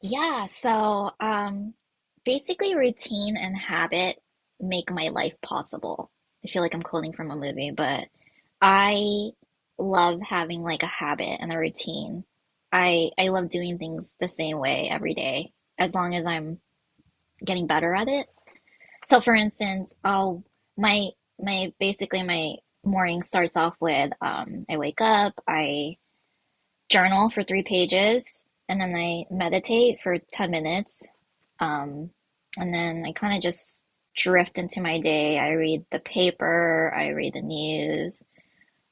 Yeah, so um, Basically, routine and habit make my life possible. I feel like I'm quoting from a movie, but I love having like a habit and a routine. I love doing things the same way every day, as long as I'm getting better at it. So, for instance, I'll my my basically my morning starts off with I wake up, I journal for three pages and then I meditate for 10 minutes. Um, and then I kind of just drift into my day. I read the paper, I read the news,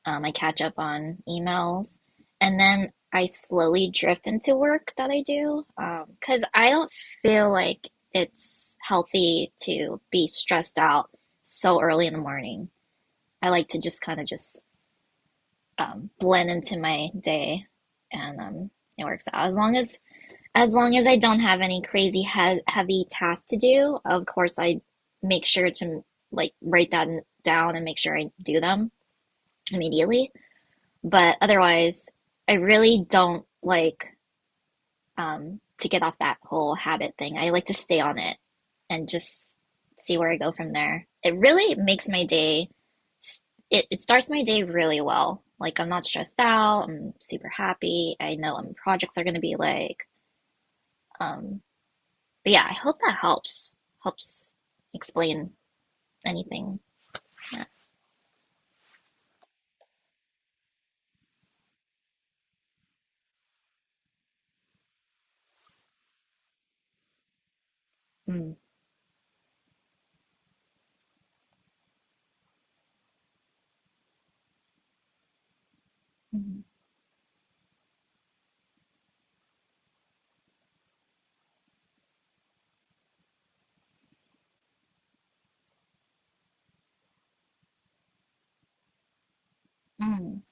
I catch up on emails, and then I slowly drift into work that I do because I don't feel like it's healthy to be stressed out so early in the morning. I like to just kind of just blend into my day, and it works out. As long as I don't have any crazy he heavy tasks to do, of course I make sure to like write that down and make sure I do them immediately. But otherwise, I really don't like to get off that whole habit thing. I like to stay on it and just see where I go from there. It really makes my day, it starts my day really well. Like, I'm not stressed out. I'm super happy. I know what my projects are going to be like. Um, but yeah, I hope that helps explain anything. Yeah. Mm, mm, mm.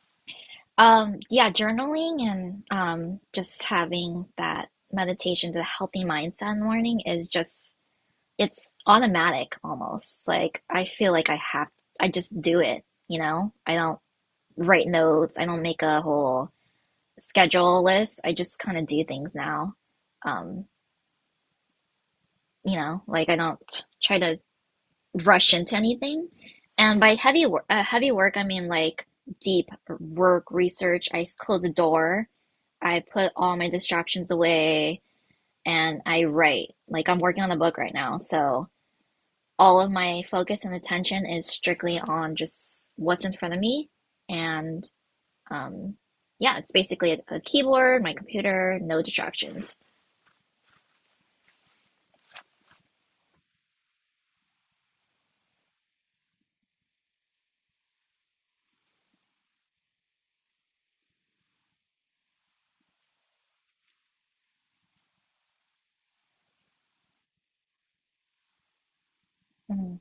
Yeah, journaling and just having that meditation, the healthy mindset in the morning is just it's automatic almost. Like I feel like I just do it, you know? I don't write notes, I don't make a whole schedule list. I just kind of do things now. Um, you know, like I don't try to rush into anything. And by heavy work, I mean like deep work research. I close the door. I put all my distractions away and I write. Like I'm working on a book right now, so all of my focus and attention is strictly on just what's in front of me. And um, yeah, it's basically a keyboard, my computer, no distractions. Mm,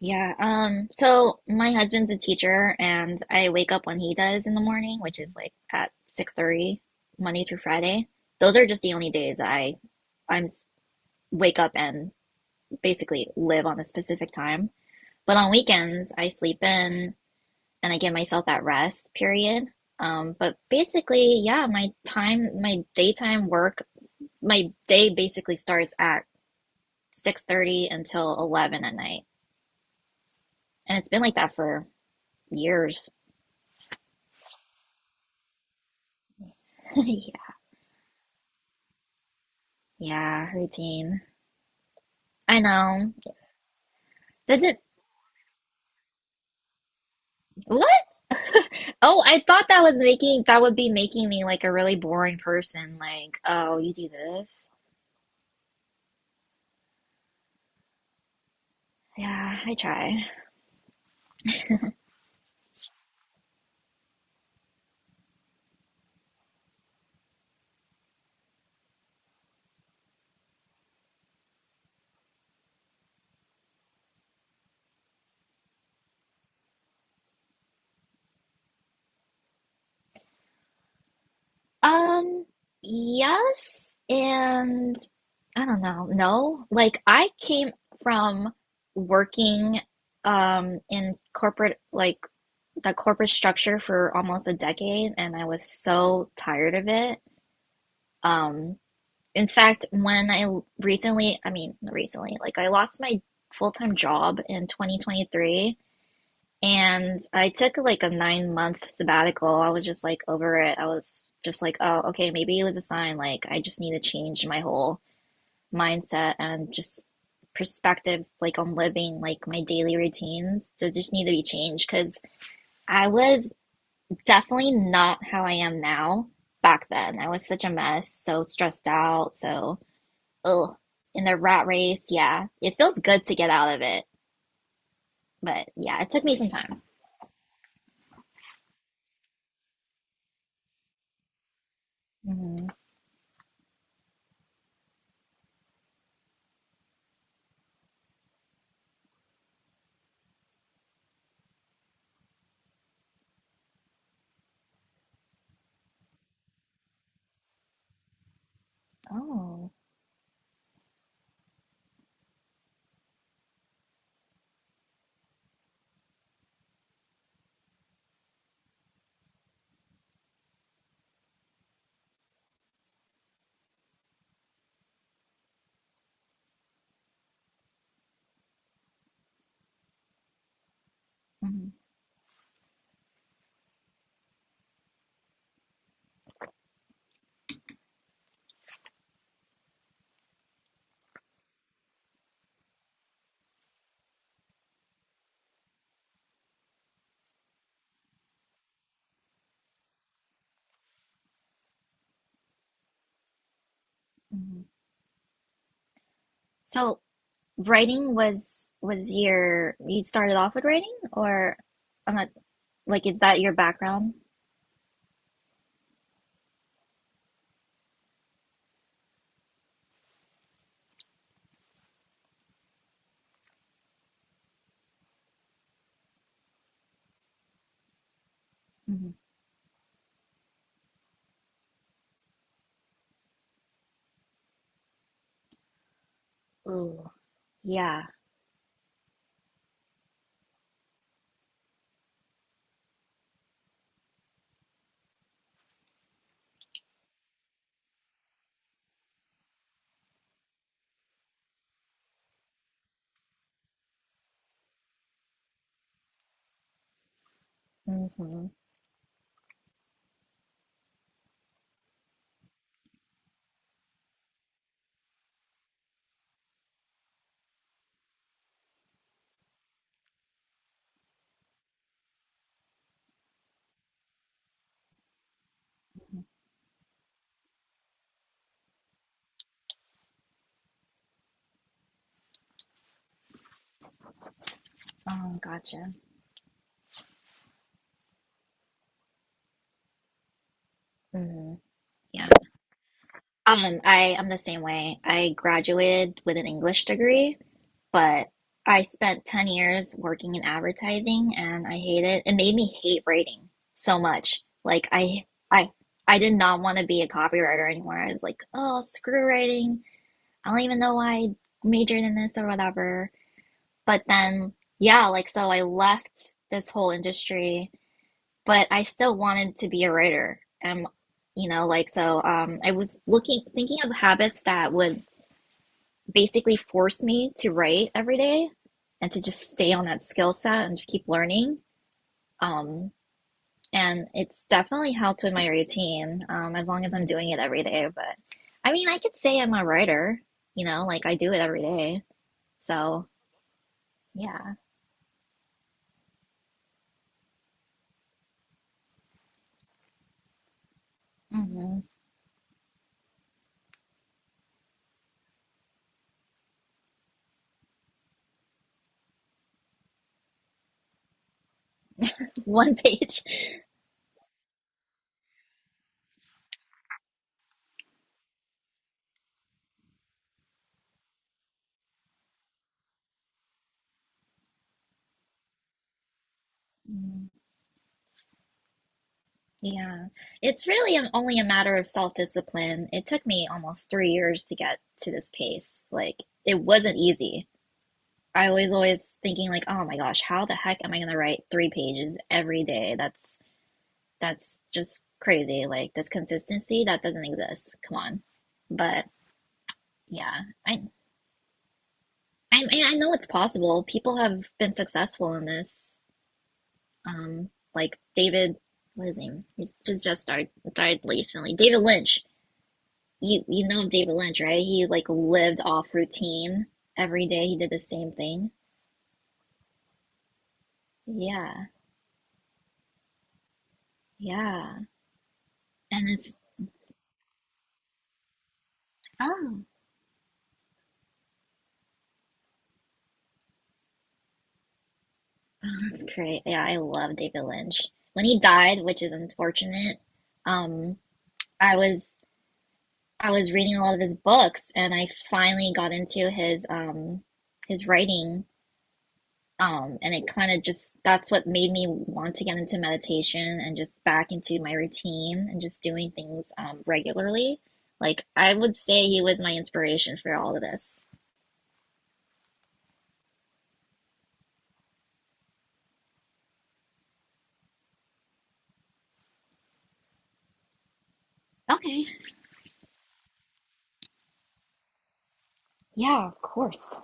Yeah, so my husband's a teacher and I wake up when he does in the morning, which is like at 6:30 Monday through Friday. Those are just the only days I I'm wake up and basically live on a specific time. But on weekends, I sleep in and I give myself that rest period. But basically, yeah, my daytime work, my day basically starts at 6:30 until 11 at night. And it's been like that for years. Yeah. Yeah, routine. I know. Does it what? Oh, I thought that was making that would be making me like a really boring person. Like, oh, you do this? Yeah, I try. Um, yes, and I don't know. No, like I came from working in corporate like the corporate structure for almost a decade and I was so tired of it. Um, in fact, when I l- recently, I mean, recently, like I lost my full-time job in 2023 and I took like a 9 month sabbatical. I was just like over it. I was just like, oh, okay, maybe it was a sign. Like, I just need to change my whole mindset and just perspective, like on living, like my daily routines to just need to be changed. Cause I was definitely not how I am now back then. I was such a mess, so stressed out, so, oh, in the rat race. Yeah, it feels good to get out of it. But yeah, it took me some time. Hmm. Oh. Mm-hmm. Mhm. So writing was your you started off with writing or I'm not like is that your background? Hmm. Ooh, yeah. Hmm. Oh, gotcha. Hmm. Yeah. I'm the same way. I graduated with an English degree, but I spent 10 years working in advertising and I hate it. It made me hate writing so much. Like I I I did not want to be a copywriter anymore. I was like, oh, screw writing. I don't even know why I majored in this or whatever. But then, yeah, like, so I left this whole industry, but I still wanted to be a writer. And, you know, like, so I was thinking of habits that would basically force me to write every day and to just stay on that skill set and just keep learning. Um, and it's definitely helped with my routine, as long as I'm doing it every day. But I mean, I could say I'm a writer, you know, like I do it every day. So. Yeah. Hmm. One page. Mm, Yeah. It's only a matter of self-discipline. It took me almost 3 years to get to this pace. Like, it wasn't easy. I was always thinking like, oh my gosh, how the heck am I gonna write three pages every day? That's just crazy. Like this consistency, that doesn't exist. Come on. But yeah, I I know it's possible. People have been successful in this. um, like David, what is his name? He's just died recently. David Lynch. You know David Lynch, right? He like lived off routine every day. He did the same thing. Yeah, yeah. And it's oh, that's great. Yeah, I love David Lynch. When he died, which is unfortunate, um, I was I was reading a lot of his books, and I finally got into his writing. And it kind of just, that's what made me want to get into meditation and just back into my routine and just doing things regularly. Like, I would say he was my inspiration for all of this. Okay. Yeah, of course.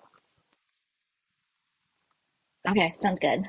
Okay, sounds good.